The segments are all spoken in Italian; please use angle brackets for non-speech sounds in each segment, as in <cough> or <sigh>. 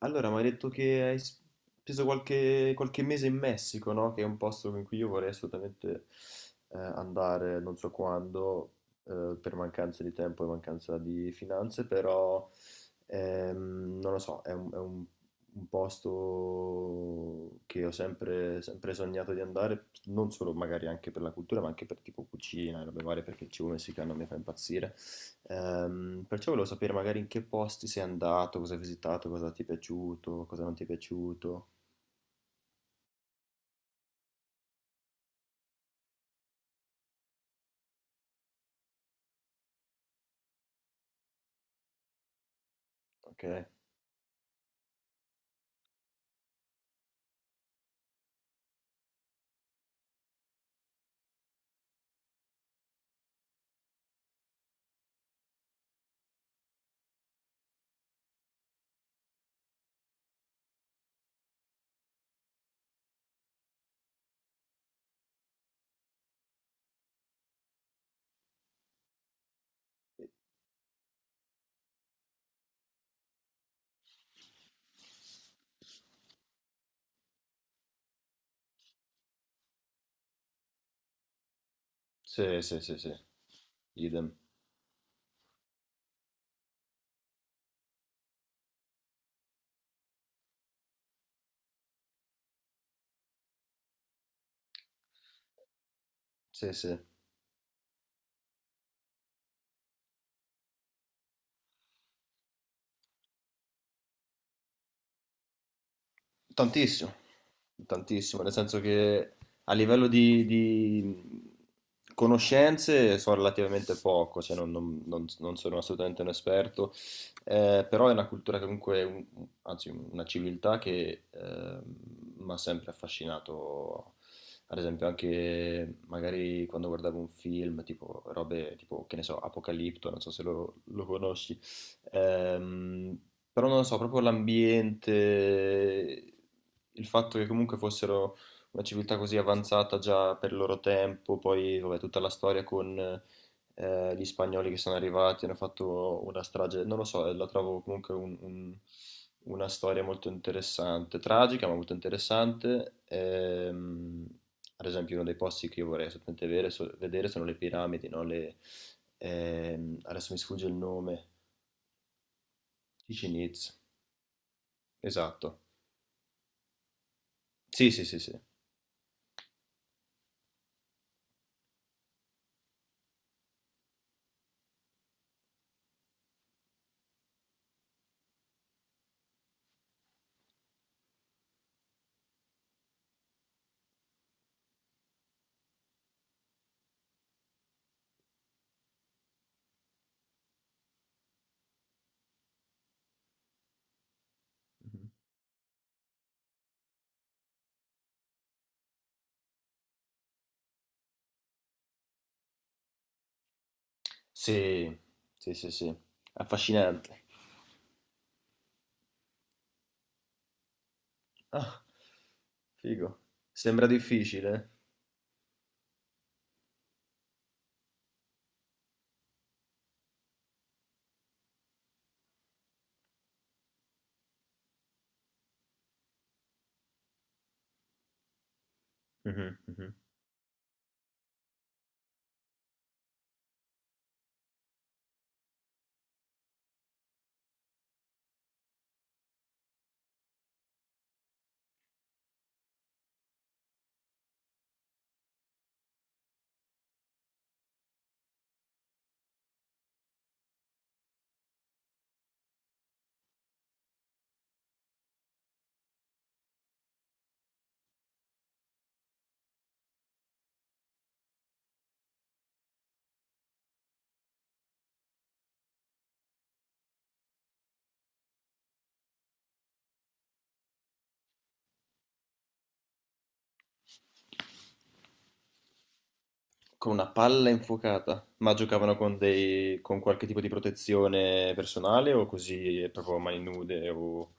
Allora, mi hai detto che hai speso qualche mese in Messico, no? Che è un posto in cui io vorrei assolutamente andare, non so quando, per mancanza di tempo e mancanza di finanze, però non lo so, un posto che ho sempre sognato di andare, non solo magari anche per la cultura, ma anche per tipo cucina e robe varie, perché il cibo messicano mi fa impazzire. Perciò volevo sapere magari in che posti sei andato, cosa hai visitato, cosa ti è piaciuto, cosa non ti è piaciuto. Ok? Sì, sì, sì, sì, idem. Sì, sì. Tantissimo, tantissimo, nel senso che a livello di conoscenze so relativamente poco, cioè non sono assolutamente un esperto, però è una cultura che comunque, anzi una civiltà che mi ha sempre affascinato, ad esempio anche magari quando guardavo un film, tipo robe tipo, che ne so, Apocalipto, non so se lo conosci. Ehm, Però non lo so, proprio l'ambiente, il fatto che comunque fossero una civiltà così avanzata già per il loro tempo, poi vabbè, tutta la storia con gli spagnoli che sono arrivati, hanno fatto una strage, non lo so, la trovo comunque una storia molto interessante, tragica ma molto interessante. Ad esempio uno dei posti che io vorrei assolutamente vedere, vedere sono le piramidi, no? Adesso mi sfugge il nome. Dici Needs, esatto. Sì, sì, sì, sì. Mhm. Sì, sì, sì, sì. Affascinante. Ah, figo. Sembra difficile. Mhm, mhm. Con una palla infuocata. Ma giocavano con dei, con qualche tipo di protezione personale o così proprio a mani nude o...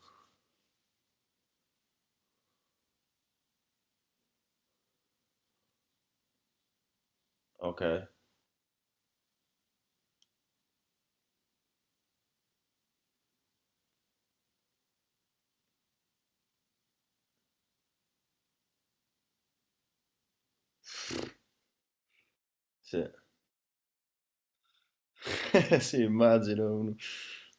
Ok. Sì. <laughs> Sì, immagino uno,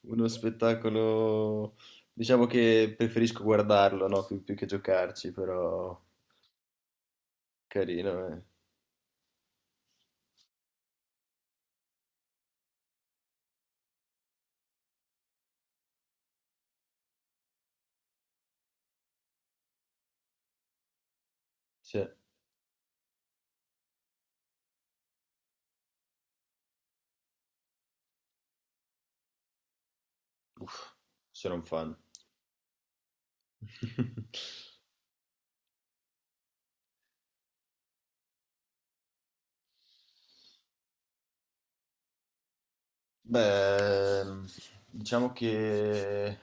uno spettacolo. Diciamo che preferisco guardarlo, no? Più che giocarci, però carino, eh. Sì. Uff, sono un fan. <laughs> Beh, diciamo che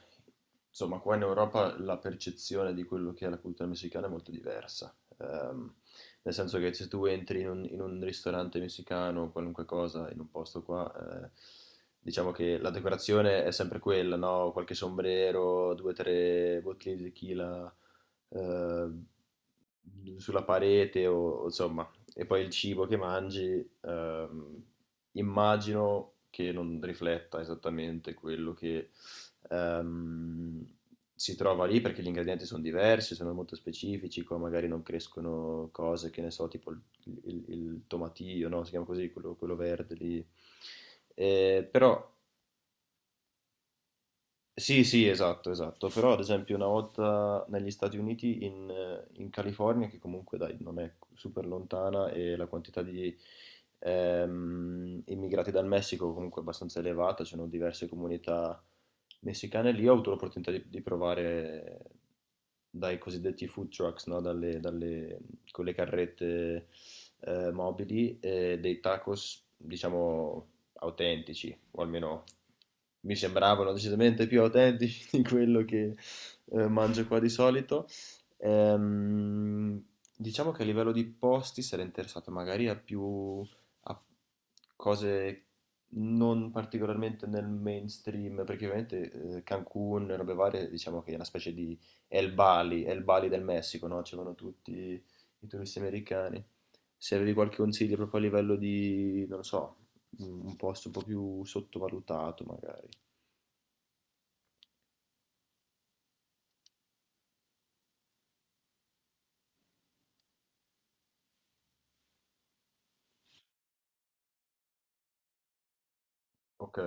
insomma, qua in Europa la percezione di quello che è la cultura messicana è molto diversa. Nel senso che se tu entri in in un ristorante messicano, qualunque cosa, in un posto qua, diciamo che la decorazione è sempre quella, no? Qualche sombrero, due o tre bottiglie di tequila eh, sulla parete o insomma. E poi il cibo che mangi, immagino che non rifletta esattamente quello che ehm, si trova lì, perché gli ingredienti sono diversi, sono molto specifici, qua magari non crescono cose che ne so, tipo il tomatillo, no? Si chiama così, quello verde lì. Però sì, sì, esatto. Però ad esempio una volta negli Stati Uniti, in California, che comunque dai, non è super lontana e la quantità di immigrati dal Messico comunque è abbastanza elevata, c'erano diverse comunità messicane lì, ho avuto l'opportunità di provare dai cosiddetti food trucks, no? Con le carrette mobili, dei tacos, diciamo, autentici, o almeno mi sembravano decisamente più autentici di quello che mangio qua di solito. Ehm, diciamo che a livello di posti sarei interessato magari a più a cose non particolarmente nel mainstream, perché ovviamente Cancun, robe varie, diciamo che è una specie di è il Bali del Messico, no? Ci vanno tutti i turisti americani. Se avevi qualche consiglio proprio a livello di, non lo so, un posto un po' più sottovalutato magari. Ok.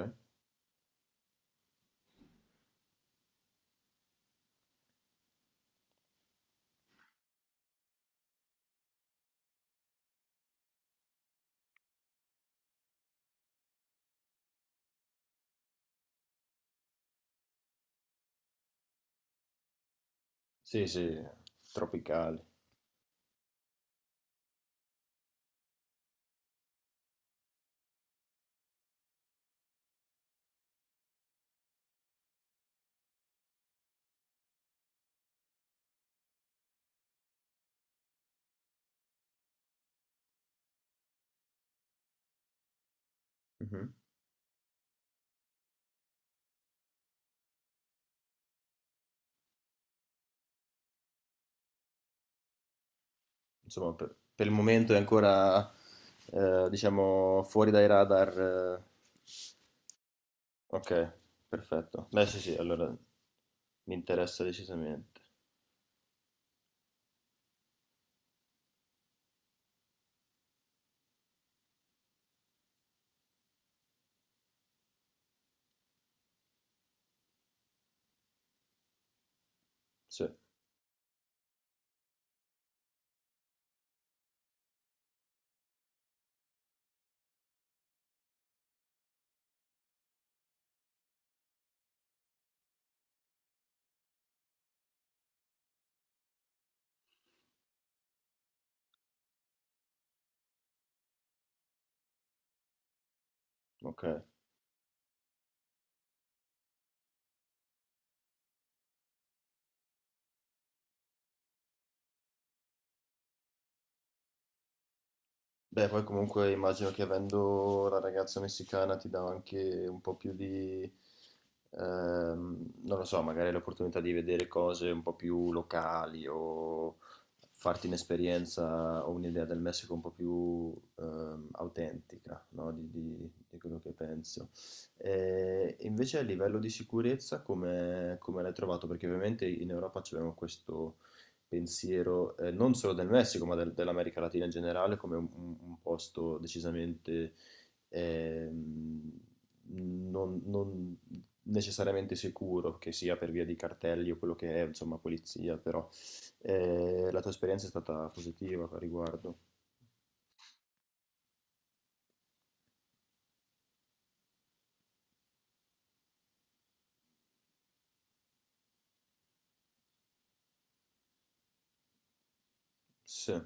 Sì, sì, tropicali. Mhm. Insomma, per il momento è ancora, diciamo, fuori dai radar. Eh. Ok, perfetto. Beh, sì, sì, allora mi interessa decisamente. Sì, ok. Beh, poi comunque immagino che avendo la ragazza messicana ti dà anche un po' più di, non lo so, magari l'opportunità di vedere cose un po' più locali o farti un'esperienza o un'idea del Messico un po' più autentica, no? Di, di quello che penso. E invece a livello di sicurezza come, come l'hai trovato? Perché ovviamente in Europa abbiamo questo pensiero non solo del Messico, ma dell'America Latina in generale, come un, un posto decisamente ehm, non necessariamente sicuro, che sia per via di cartelli o quello che è, insomma, polizia, però la tua esperienza è stata positiva a riguardo. Sì.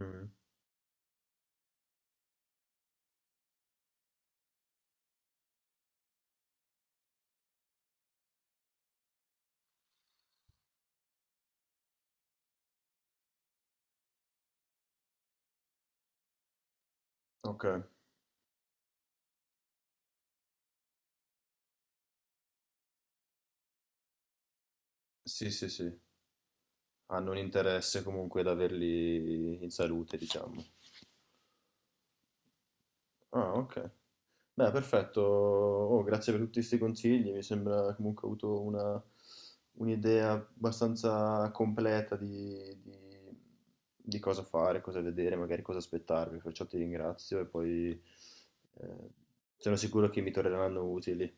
Mm. Ok. Sì, sì, sì. Hanno un interesse comunque ad averli in salute, diciamo. Ah, ok. Beh, perfetto. Oh, grazie per tutti questi consigli. Mi sembra comunque ho avuto una- un'idea abbastanza completa di, di cosa fare, cosa vedere, magari cosa aspettarmi. Perciò ti ringrazio e poi eh, sono sicuro che mi torneranno utili.